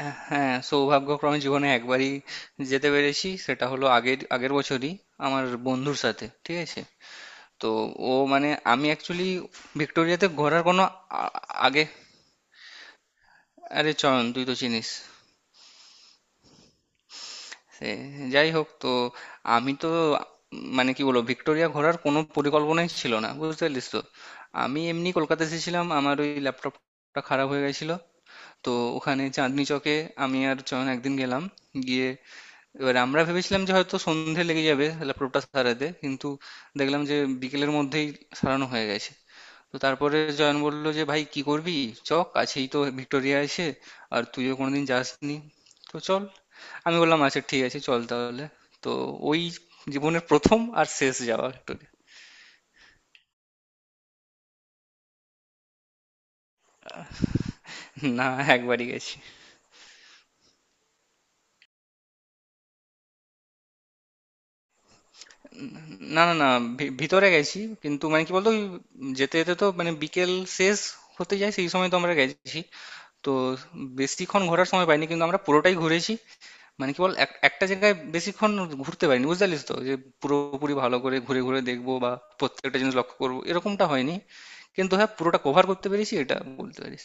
হ্যাঁ, সৌভাগ্যক্রমে জীবনে একবারই যেতে পেরেছি। সেটা হলো আগের আগের বছরই আমার বন্ধুর সাথে। ঠিক আছে, তো ও মানে আমি অ্যাকচুয়ালি ভিক্টোরিয়াতে ঘোরার কোনো আ- আগে। আরে চয়ন, তুই তো চিনিস সে। যাই হোক, তো আমি তো মানে কি বলবো, ভিক্টোরিয়া ঘোরার কোনো পরিকল্পনাই ছিল না, বুঝতে পারলিস তো। আমি এমনি কলকাতা এসেছিলাম, আমার ওই ল্যাপটপটা খারাপ হয়ে গেছিল। তো ওখানে চাঁদনি চকে আমি আর চয়ন একদিন গেলাম। গিয়ে এবার আমরা ভেবেছিলাম যে হয়তো সন্ধে লেগে যাবে ল্যাপটপটা সারাতে, কিন্তু দেখলাম যে বিকেলের মধ্যেই সারানো হয়ে গেছে। তো তারপরে জয়ন বলল যে, ভাই কি করবি, চ, কাছেই তো ভিক্টোরিয়া আছে, আর তুইও কোনোদিন যাসনি, তো চল। আমি বললাম, আচ্ছা ঠিক আছে, চল তাহলে। তো ওই জীবনের প্রথম আর শেষ যাওয়া ভিক্টোরিয়া। না, একবারই গেছি। না, না, না, ভিতরে গেছি, কিন্তু মানে কি বলতো, ওই যেতে যেতে তো মানে বিকেল শেষ হতে যায় সেই সময় তো আমরা গেছি। তো বেশিক্ষণ ঘোরার সময় পাইনি, কিন্তু আমরা পুরোটাই ঘুরেছি। মানে কি বল, একটা জায়গায় বেশিক্ষণ ঘুরতে পারিনি, বুঝতে পারলিস তো, যে পুরোপুরি ভালো করে ঘুরে ঘুরে দেখবো বা প্রত্যেকটা জিনিস লক্ষ্য করবো এরকমটা হয়নি, কিন্তু হ্যাঁ পুরোটা কভার করতে পেরেছি, এটা বলতে পারিস।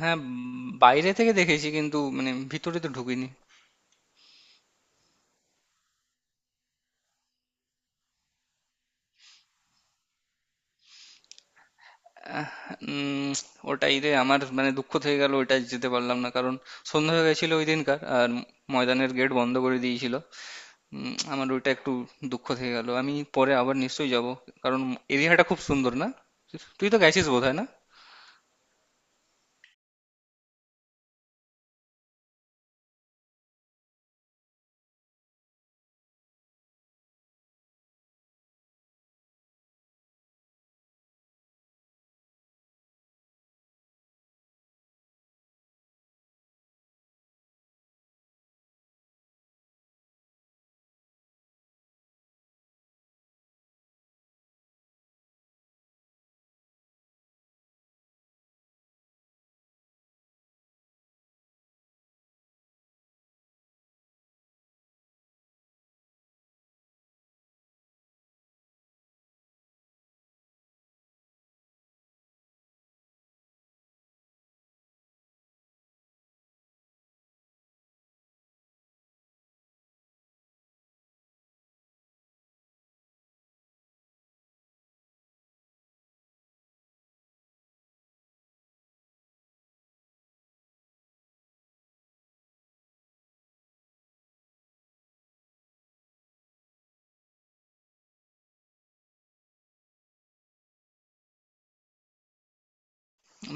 হ্যাঁ, বাইরে থেকে দেখেছি, কিন্তু মানে ভিতরে তো ঢুকিনি। আহ, উম, ওটাই রে আমার মানে দুঃখ থেকে গেল, ওইটা যেতে পারলাম না, কারণ সন্ধ্যা হয়ে গেছিল ওই দিনকার, আর ময়দানের গেট বন্ধ করে দিয়েছিল। আমার ওইটা একটু দুঃখ থেকে গেল, আমি পরে আবার নিশ্চয়ই যাব, কারণ এরিয়াটা খুব সুন্দর না? তুই তো গেছিস বোধহয়, না?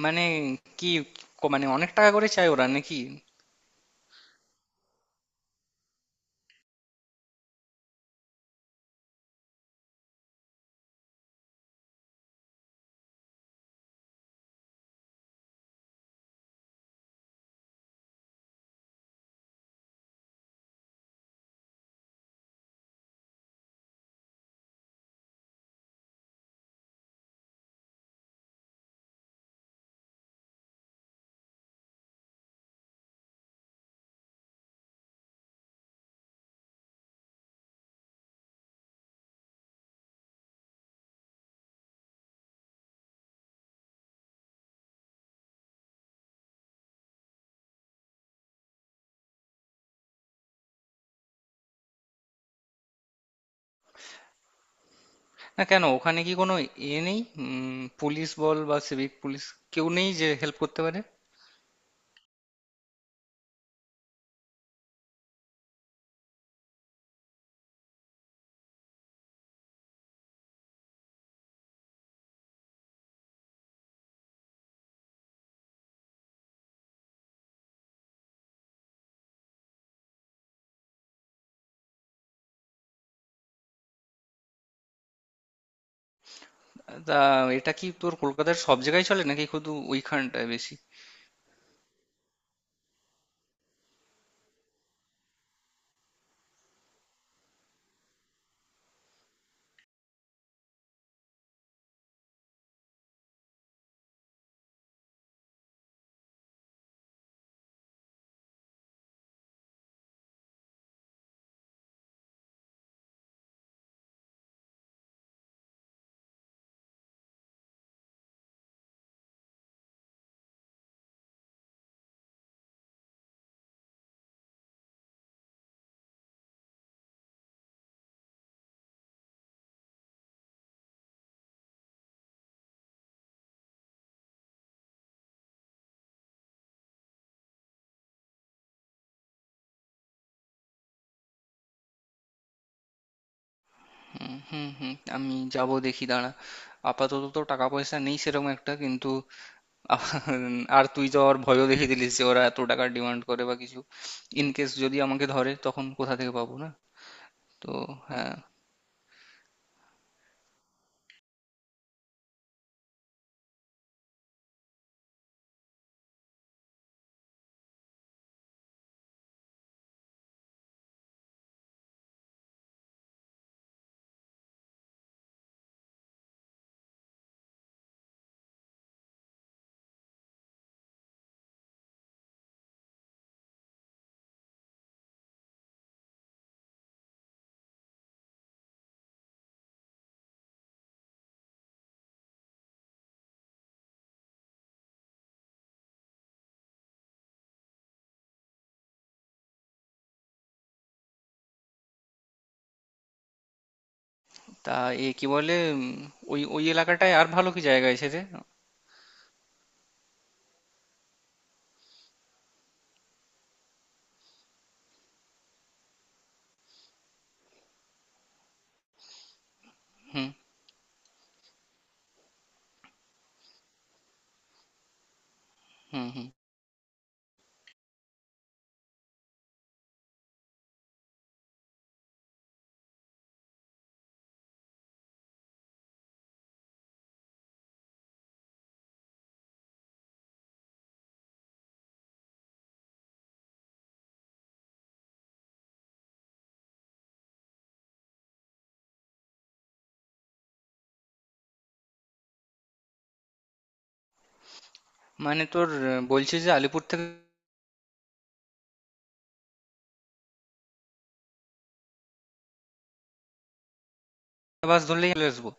মানে কি, মানে অনেক টাকা করে চায় ওরা নাকি? না, কেন, ওখানে কি কোনো এ নেই, পুলিশ বল বা সিভিক পুলিশ, কেউ নেই যে হেল্প করতে পারে? তা এটা কি তোর কলকাতার সব জায়গায় চলে নাকি শুধু ওইখানটায় বেশি? হুম, হুম, হুম, আমি যাব, দেখি দাঁড়া। আপাতত তো টাকা পয়সা নেই সেরকম একটা, কিন্তু আহ, আর তুই তো আবার ভয়ও দেখিয়ে দিলিস যে ওরা এত টাকা ডিমান্ড করে বা কিছু, ইন কেস যদি আমাকে ধরে তখন কোথা থেকে পাবো? না, তো হ্যাঁ। তা এ কি বলে, ওই ওই এলাকাটায় আর ভালো কি জায়গা আছে রে? হুম, হুম, হুম। মানে তোর বলছিস যে আলিপুর থেকে বাস ধরলেই চলে আসবো?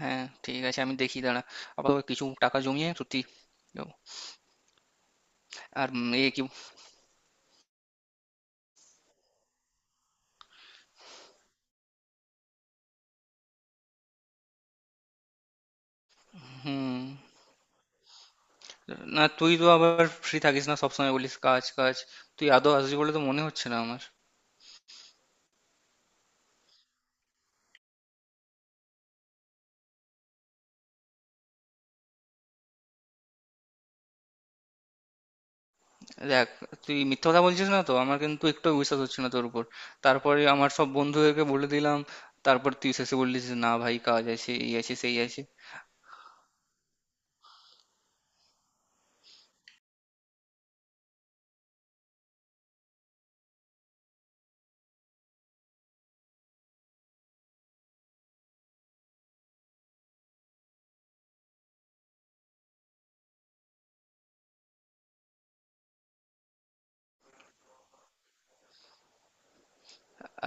হ্যাঁ ঠিক আছে, আমি দেখি দাঁড়া, আবার কিছু টাকা জমিয়ে সত্যি যাবো। আর এ কি। হুম। না, তুই তো আবার ফ্রি থাকিস না, সবসময় বলিস কাজ কাজ, তুই আদৌ আসবি বলে তো মনে হচ্ছে না আমার। দেখ, তুই মিথ্যা কথা বলছিস না তো, আমার কিন্তু একটু বিশ্বাস হচ্ছে না তোর উপর। তারপরে আমার সব বন্ধুদেরকে বলে দিলাম, তারপর তুই শেষে বললি যে, না ভাই কাজ আছে, এই আছে, সেই আছে।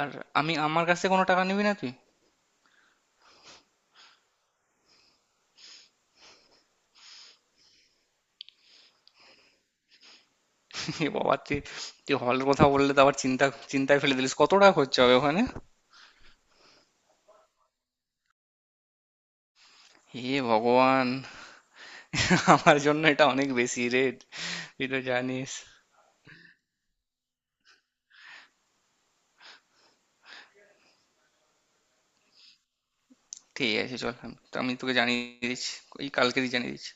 আর আমি, আমার কাছে কোনো টাকা নিবি না তুই? এ বাবা, তুই তুই হলের কথা বললে তো আবার চিন্তা, চিন্তায় ফেলে দিলিস, কত টাকা খরচা হবে ওখানে। হে ভগবান, আমার জন্য এটা অনেক বেশি রেট, তুই তো জানিস। ঠিক আছে চল, আমি আমি তোকে জানিয়ে দিচ্ছি, এই কালকেই জানিয়ে দিচ্ছি।